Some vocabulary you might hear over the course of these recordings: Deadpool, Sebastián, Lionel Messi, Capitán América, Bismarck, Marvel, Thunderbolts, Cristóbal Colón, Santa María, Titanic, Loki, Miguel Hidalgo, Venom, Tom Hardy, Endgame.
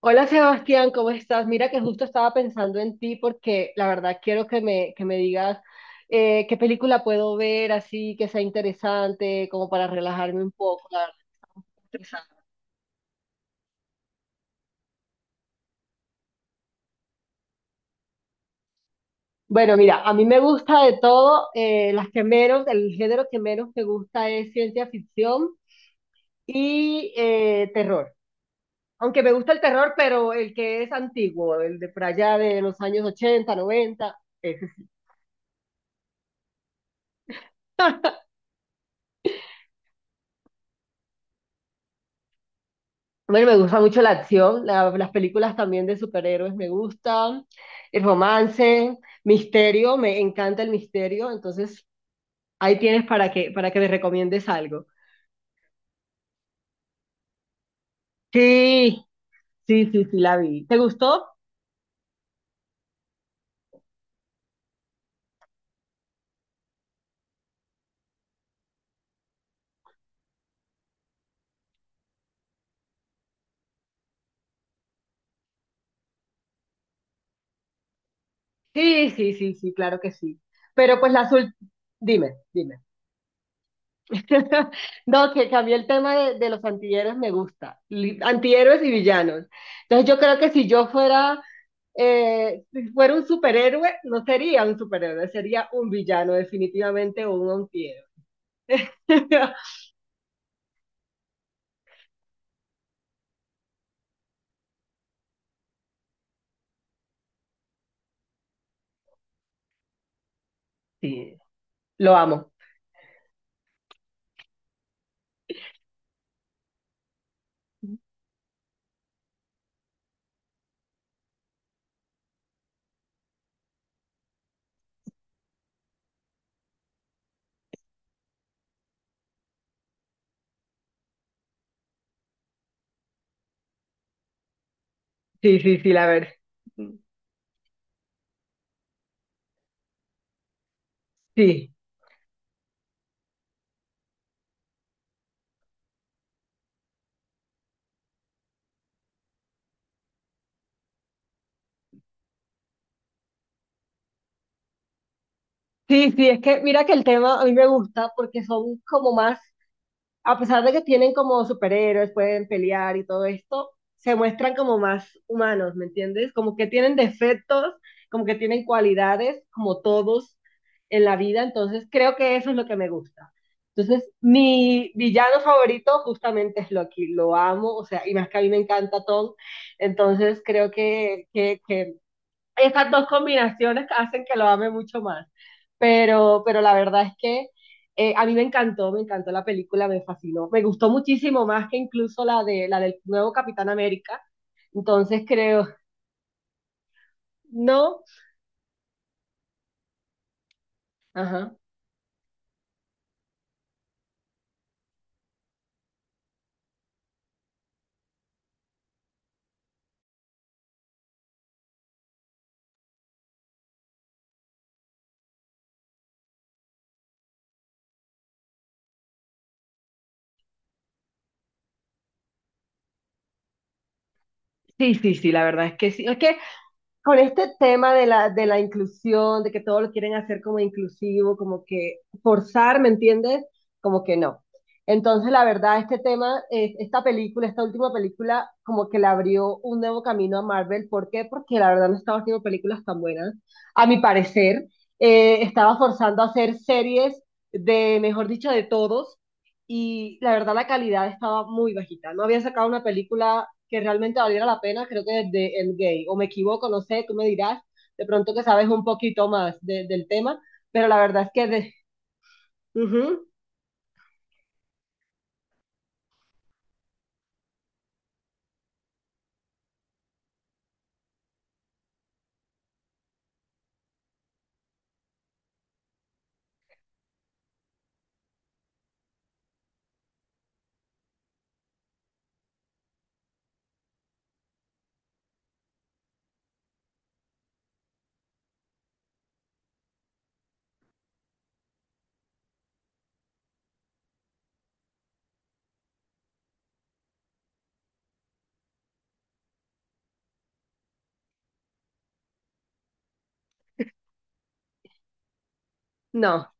Hola Sebastián, ¿cómo estás? Mira que justo estaba pensando en ti porque la verdad quiero que me digas qué película puedo ver así que sea interesante, como para relajarme un poco. La verdad, estresada. Bueno, mira, a mí me gusta de todo, las que menos, el género que menos me gusta es ciencia ficción y terror. Aunque me gusta el terror, pero el que es antiguo, el de por allá de los años 80, 90. Bueno, me gusta mucho la acción, las películas también de superhéroes me gustan, el romance, misterio, me encanta el misterio, entonces ahí tienes para que me recomiendes algo. Sí, sí, sí, sí, la vi. ¿Te gustó? Sí, sí, sí, sí, claro que sí. Pero pues la azul, dime, dime. No, que cambié el tema de los antihéroes, me gusta. Antihéroes y villanos. Entonces yo creo que si yo fuera si fuera un superhéroe, no sería un superhéroe, sería un villano, definitivamente, o un antihéroe. Sí, lo amo. Sí, sí, sí, la verdad. Sí, sí, sí, es que mira que el tema a mí me gusta porque son como más, a pesar de que tienen como superhéroes, pueden pelear y todo esto, se muestran como más humanos, ¿me entiendes? Como que tienen defectos, como que tienen cualidades, como todos en la vida, entonces creo que eso es lo que me gusta. Entonces, mi villano favorito justamente es Loki, lo amo, o sea, y más que a mí me encanta Tom, entonces creo que esas dos combinaciones hacen que lo ame mucho más. Pero la verdad es que a mí me encantó la película, me fascinó. Me gustó muchísimo más que incluso la del nuevo Capitán América. Entonces creo, no, ajá. Sí, sí, sí, la verdad es que sí. Es que con este tema de la inclusión, de que todo lo quieren hacer como inclusivo, como que forzar, ¿me entiendes? Como que no. Entonces, la verdad, este tema, esta película, esta última película, como que le abrió un nuevo camino a Marvel. ¿Por qué? Porque la verdad no estaba haciendo películas tan buenas, a mi parecer. Estaba forzando a hacer series de, mejor dicho, de todos, y la verdad la calidad estaba muy bajita. No había sacado una película que realmente valiera la pena, creo que desde Endgame, o me equivoco, no sé, tú me dirás, de pronto que sabes un poquito más del tema, pero la verdad es que de... Ujú, no,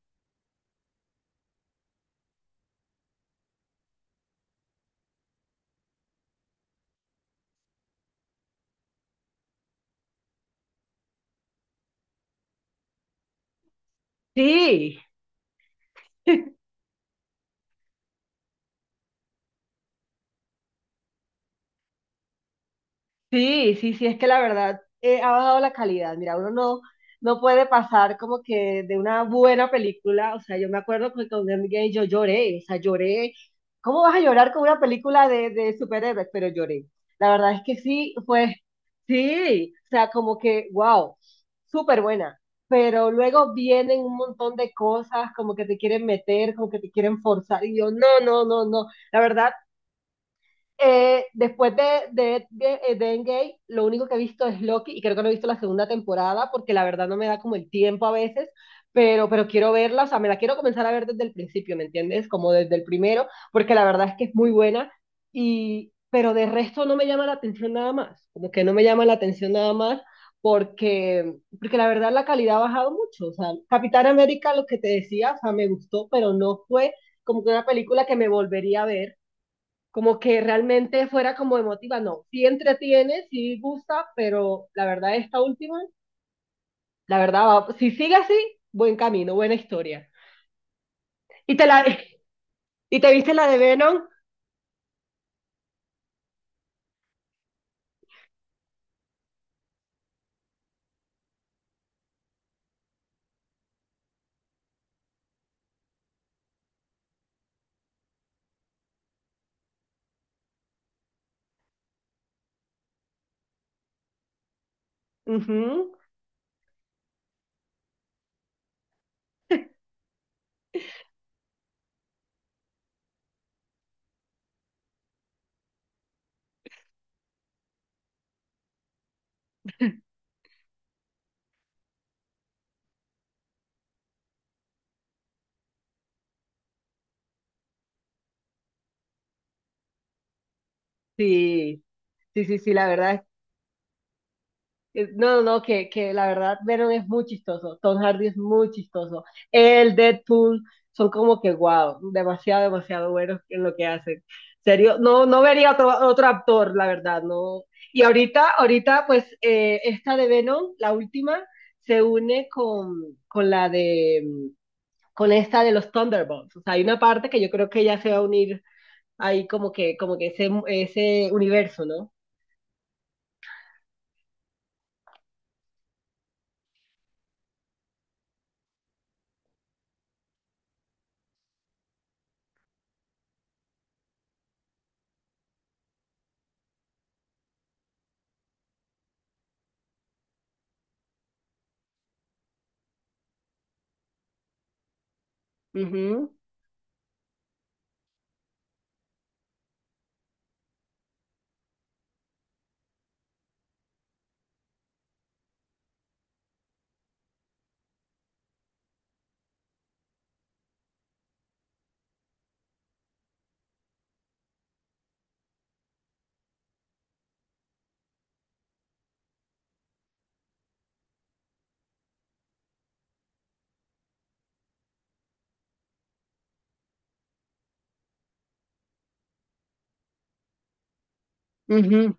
sí. Sí, sí, sí, es que la verdad ha bajado la calidad. Mira, uno no, no puede pasar como que de una buena película, o sea, yo me acuerdo que con Endgame yo lloré, o sea, lloré. ¿Cómo vas a llorar con una película de superhéroes? Pero lloré. La verdad es que sí, pues sí, o sea, como que, wow, súper buena. Pero luego vienen un montón de cosas como que te quieren meter, como que te quieren forzar, y yo, no, no, no, no. La verdad, después de Endgame, lo único que he visto es Loki y creo que no he visto la segunda temporada porque la verdad no me da como el tiempo a veces, pero quiero verla, o sea, me la quiero comenzar a ver desde el principio, ¿me entiendes? Como desde el primero, porque la verdad es que es muy buena y, pero de resto no me llama la atención nada más, como que no me llama la atención nada más porque, porque la verdad la calidad ha bajado mucho, o sea, Capitán América, lo que te decía, o sea, me gustó, pero no fue como que una película que me volvería a ver, como que realmente fuera como emotiva, no, sí entretiene, sí gusta, pero la verdad esta última, la verdad, si sigue así, buen camino, buena historia. ¿Y te la, y te viste la de Venom? Ujú. Sí, sí, sí, sí, la verdad. No, no, no, que la verdad Venom es muy chistoso, Tom Hardy es muy chistoso, el Deadpool son como que guau, demasiado, demasiado buenos en lo que hacen. Serio, no, no vería otro actor, la verdad, no. Y ahorita, pues esta de Venom, la última, se une con la de, con esta de los Thunderbolts. O sea, hay una parte que yo creo que ya se va a unir ahí como que ese universo, no. Ujú, ujú.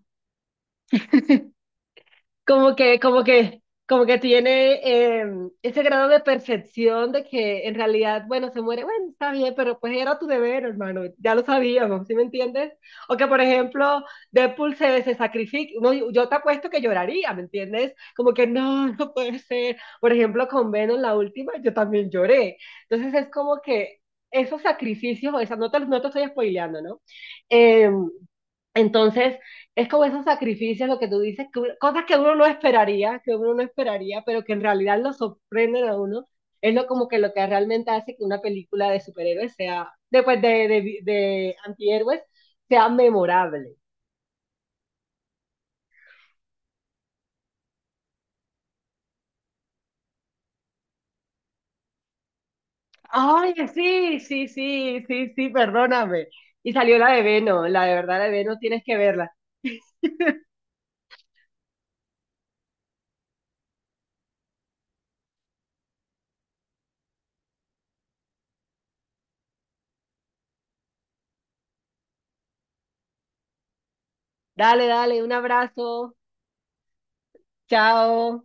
Como que, como que, como que tiene eh, ese grado de perfección de que en realidad, bueno, se muere, bueno, está bien, pero pues era tu deber, hermano, ya lo sabíamos, ¿sí me entiendes? O que, por ejemplo, Deadpool se sacrifica, no, yo te apuesto que lloraría, ¿me entiendes? Como que no, no puede ser. Por ejemplo, con Venom, la última, yo también lloré. Entonces es como que esos sacrificios, o sea, no te estoy spoileando, ¿no? Em, entonces, es como esos sacrificios, lo que tú dices, que uno- cosas que uno no esperaría, que uno no esperaría, pero que en realidad lo sorprenden a uno. Es lo como que lo que realmente hace que una película de superhéroes sea, después de, pues, de antihéroes, sea memorable. Ay, sí, sí, sí, sí, sí, perdóname. Y salió la de Venom, la de verdad, la de Venom, tienes que verla. Dale, dale, un abrazo, chao.